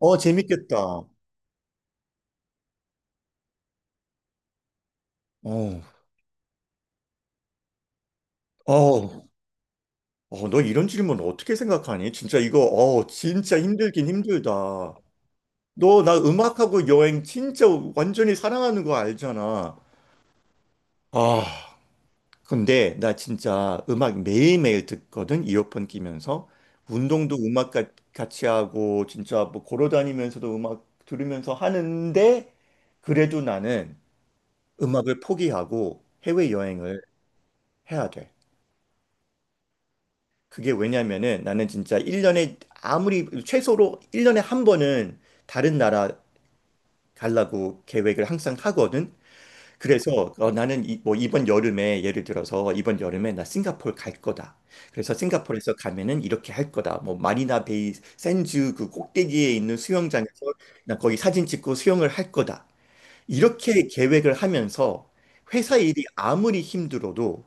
어, 재밌겠다. 어, 너 이런 질문 어떻게 생각하니? 진짜 이거, 진짜 힘들긴 힘들다. 너 나 음악하고 여행 진짜 완전히 사랑하는 거 알잖아. 아, 근데 나 진짜 음악 매일매일 듣거든, 이어폰 끼면서. 운동도 음악 같이 하고, 진짜 뭐 걸어다니면서도 음악 들으면서 하는데, 그래도 나는 음악을 포기하고 해외여행을 해야 돼. 그게 왜냐면은 나는 진짜 1년에 아무리 최소로 1년에 한 번은 다른 나라 가려고 계획을 항상 하거든. 그래서 나는 뭐 이번 여름에 예를 들어서 이번 여름에 나 싱가포르 갈 거다. 그래서 싱가포르에서 가면은 이렇게 할 거다. 뭐 마리나 베이 샌즈 그 꼭대기에 있는 수영장에서 나 거기 사진 찍고 수영을 할 거다. 이렇게 계획을 하면서 회사 일이 아무리 힘들어도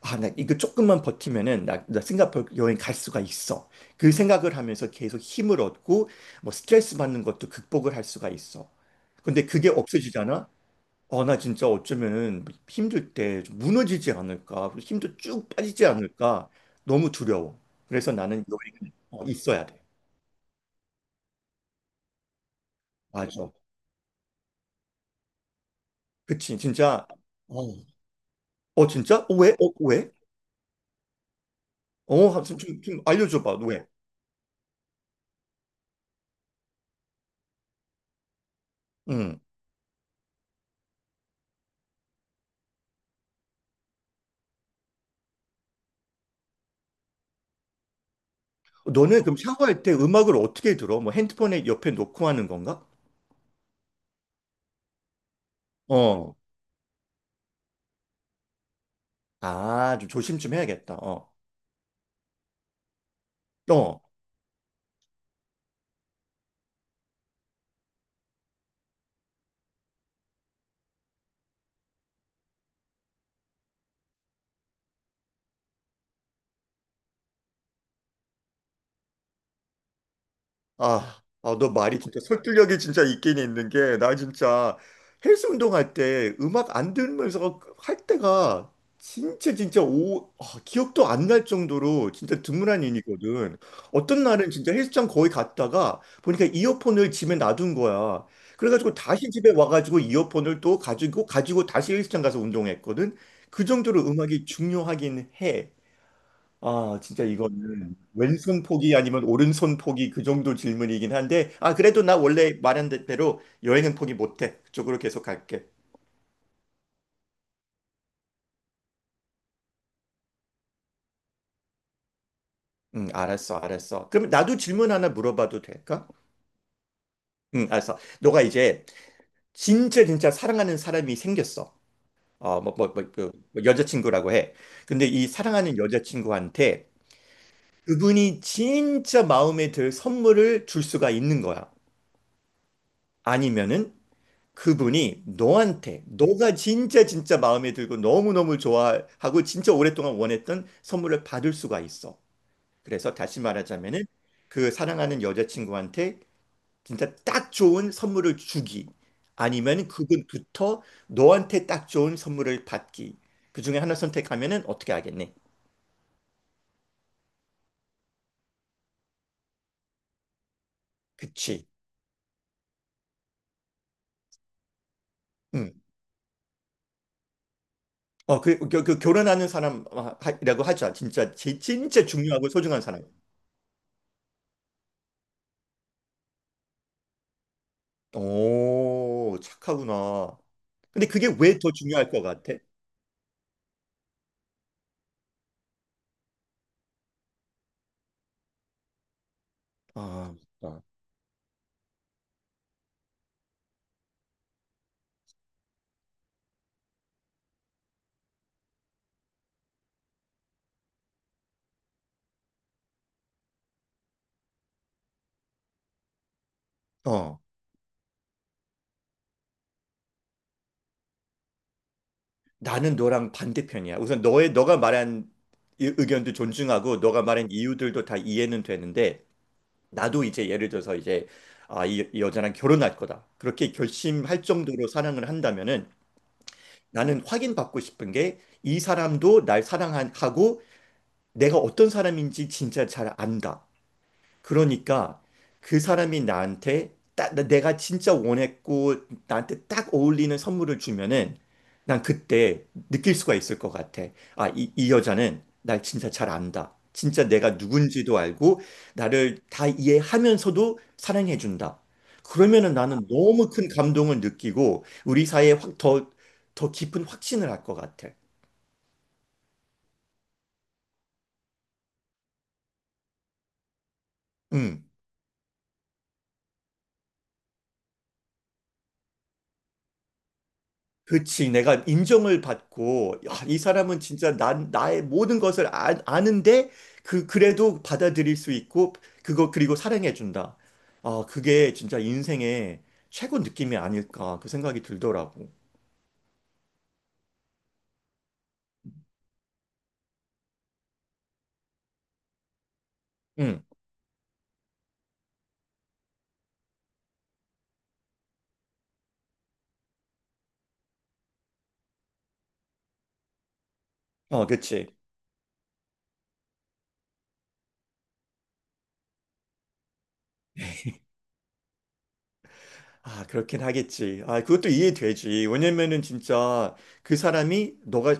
아, 나 이거 조금만 버티면은 나 싱가포르 여행 갈 수가 있어. 그 생각을 하면서 계속 힘을 얻고 뭐 스트레스 받는 것도 극복을 할 수가 있어. 근데 그게 없어지잖아? 나 진짜 어쩌면 힘들 때좀 무너지지 않을까? 힘도 쭉 빠지지 않을까? 너무 두려워. 그래서 나는 여행 있어야 돼. 맞아. 그치, 진짜. 어, 어 진짜? 어, 왜? 어, 왜? 좀 알려줘봐, 왜? 응. 너는 그럼 샤워할 때 음악을 어떻게 들어? 뭐 핸드폰에 옆에 놓고 하는 건가? 어. 아, 좀 조심 좀 해야겠다. 어. 어. 너 말이 진짜 설득력이 진짜 있긴 있는 게, 나 진짜 헬스 운동할 때 음악 안 들으면서 할 때가 진짜 진짜 기억도 안 날 정도로 진짜 드문한 일이거든. 어떤 날은 진짜 헬스장 거의 갔다가 보니까 이어폰을 집에 놔둔 거야. 그래가지고 다시 집에 와가지고 이어폰을 또 가지고 다시 헬스장 가서 운동했거든. 그 정도로 음악이 중요하긴 해. 아, 진짜 이거는 왼손 포기 아니면 오른손 포기 그 정도 질문이긴 한데, 아, 그래도 나 원래 말한 대로 여행은 포기 못해. 그쪽으로 계속 갈게. 응, 알았어, 알았어. 그럼 나도 질문 하나 물어봐도 될까? 응, 알았어. 너가 이제 진짜 진짜 사랑하는 사람이 생겼어. 뭐 여자친구라고 해. 근데 이 사랑하는 여자친구한테 그분이 진짜 마음에 들 선물을 줄 수가 있는 거야. 아니면은 그분이 너한테 너가 진짜 진짜 마음에 들고 너무너무 좋아하고 진짜 오랫동안 원했던 선물을 받을 수가 있어. 그래서 다시 말하자면은 그 사랑하는 여자친구한테 진짜 딱 좋은 선물을 주기 아니면 그분부터 너한테 딱 좋은 선물을 받기. 그 중에 하나 선택하면은 어떻게 하겠니? 그치. 응. 그 결혼하는 사람이라고 하자. 진짜 진짜 중요하고 소중한 사람. 오, 착하구나. 근데 그게 왜 더 중요할 것 같아? 아, 아. 어, 나는 너랑 반대편이야. 우선 너의 너가 말한 의견도 존중하고 너가 말한 이유들도 다 이해는 되는데 나도 이제 예를 들어서 이제 아, 이 여자랑 결혼할 거다. 그렇게 결심할 정도로 사랑을 한다면은 나는 확인받고 싶은 게 이 사람도 날 사랑하고 내가 어떤 사람인지 진짜 잘 안다. 그러니까 그 사람이 나한테 딱 내가 진짜 원했고 나한테 딱 어울리는 선물을 주면은 난 그때 느낄 수가 있을 것 같아. 아, 이 여자는 날 진짜 잘 안다. 진짜 내가 누군지도 알고 나를 다 이해하면서도 사랑해준다. 그러면은 나는 너무 큰 감동을 느끼고 우리 사이에 확 더 깊은 확신을 할 것 같아. 음. 그치. 내가 인정을 받고, 야, 이 사람은 진짜 나의 모든 것을 아는데, 그래도 받아들일 수 있고, 그리고 사랑해준다. 아, 그게 진짜 인생의 최고 느낌이 아닐까, 그 생각이 들더라고. 응. 그치. 아, 그렇긴 하겠지. 아, 그것도 이해되지. 왜냐면은 진짜 그 사람이 너가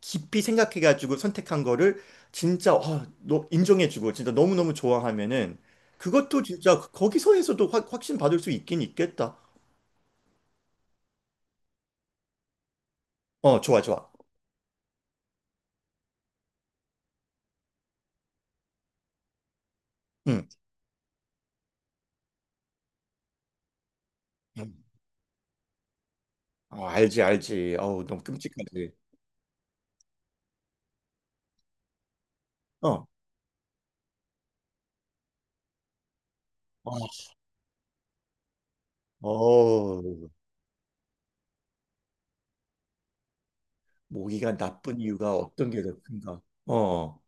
깊이 생각해가지고 선택한 거를 진짜, 너 인정해주고 진짜 너무너무 좋아하면은 그것도 진짜 거기서에서도 확신 받을 수 있긴 있겠다. 어, 좋아, 좋아. 응. 어, 알지, 알지. 어우, 너무 끔찍하지. 어. 어, 어우, 모기가 나쁜 이유가 어떤 게 더 큰가? 어.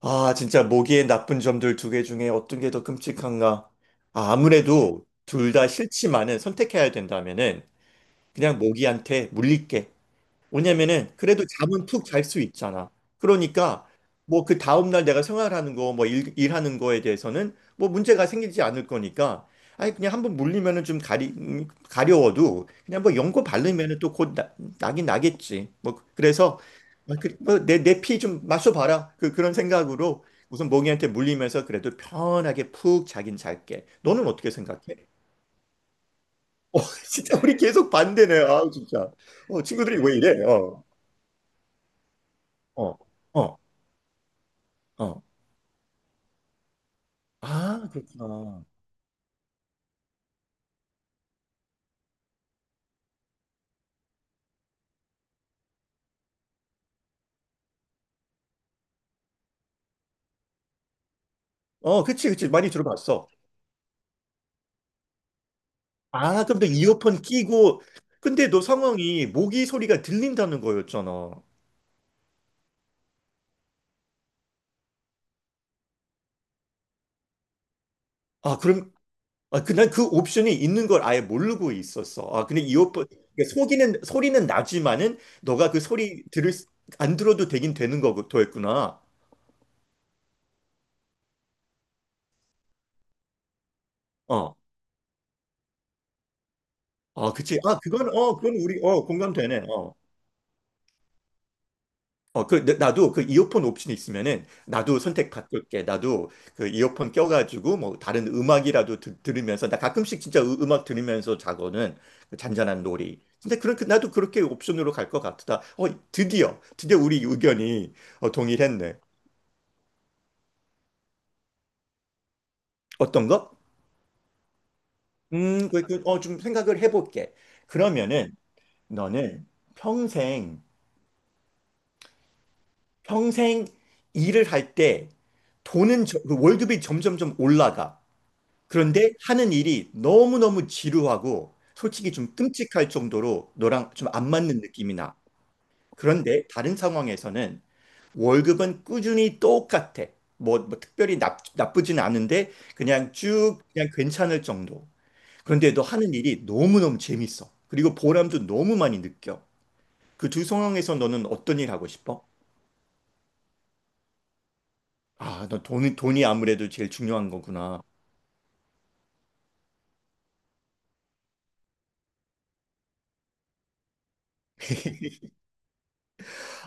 아, 진짜 모기의 나쁜 점들 두 개 중에 어떤 게 더 끔찍한가? 아, 아무래도 둘 다 싫지만은 선택해야 된다면은 그냥 모기한테 물릴게. 왜냐면은 그래도 잠은 푹 잘 수 있잖아. 그러니까 뭐 그 다음날 내가 생활하는 거, 뭐 일하는 거에 대해서는 뭐 문제가 생기지 않을 거니까 아니 그냥 한번 물리면은 좀 가리 가려워도 그냥 뭐 연고 바르면은 또 곧 나긴 나겠지. 뭐 그래서 뭐내내 피 좀 마셔봐라. 그런 생각으로 우선 모기한테 물리면서 그래도 편하게 푹 자긴 잘게. 너는 어떻게 생각해? 어 진짜 우리 계속 반대네. 아 진짜. 어 친구들이 왜 이래? 어 어. 어. 어. 아, 그렇구나. 어, 그치, 그치. 많이 들어봤어. 아, 그럼 너 이어폰 끼고, 근데 너 상황이 모기 소리가 들린다는 거였잖아. 아, 그럼, 난 그 옵션이 있는 걸 아예 모르고 있었어. 아, 근데 이어폰, 그러니까 속이는, 소리는 나지만은, 너가 그 소리 안 들어도 되긴 되는 거였구나. 어. 아, 그치. 아, 그건 우리, 공감되네. 어. 나도 그 이어폰 옵션이 있으면은, 나도 선택 바꿀게. 나도 그 이어폰 껴가지고, 뭐, 다른 음악이라도 들으면서, 나 가끔씩 진짜 음악 들으면서 자거든. 그 잔잔한 놀이. 근데 그런, 나도 그렇게 옵션으로 갈 것 같다. 드디어, 드디어 우리 의견이 동일했네. 어떤 거? 좀 생각을 해볼게. 그러면은, 너는 평생, 평생 일을 할 때, 돈은, 그 월급이 점점점 올라가. 그런데 하는 일이 너무너무 지루하고 솔직히 좀 끔찍할 정도로 너랑 좀 안 맞는 느낌이 나. 그런데 다른 상황에서는 월급은 꾸준히 똑같아. 뭐 특별히 나쁘진 않은데 그냥 쭉 그냥 괜찮을 정도. 그런데 너 하는 일이 너무너무 재밌어. 그리고 보람도 너무 많이 느껴. 그 두 상황에서 너는 어떤 일 하고 싶어? 아, 너 돈이 아무래도 제일 중요한 거구나.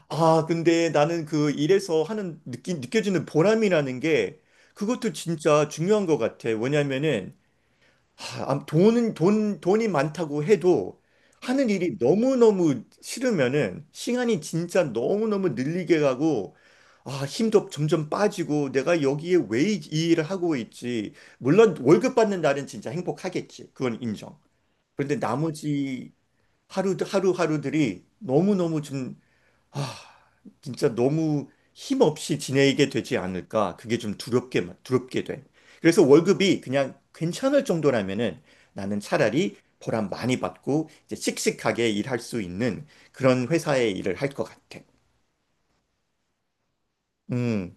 아, 근데 나는 그 일에서 하는 느껴지는 보람이라는 게 그것도 진짜 중요한 것 같아. 왜냐면은 돈은 돈 돈이 많다고 해도 하는 일이 너무너무 싫으면은 시간이 진짜 너무너무 늘리게 가고 아, 힘도 점점 빠지고 내가 여기에 왜 이 일을 하고 있지? 물론 월급 받는 날은 진짜 행복하겠지. 그건 인정. 그런데 나머지 하루 하루하루들이 너무너무 좀 아, 진짜 너무 힘없이 지내게 되지 않을까. 그게 좀 두렵게, 두렵게 돼. 그래서 월급이 그냥 괜찮을 정도라면은 나는 차라리 보람 많이 받고 이제 씩씩하게 일할 수 있는 그런 회사의 일을 할 것 같아. 음.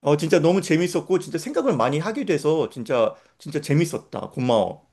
진짜 너무 재밌었고, 진짜 생각을 많이 하게 돼서 진짜, 진짜 재밌었다. 고마워.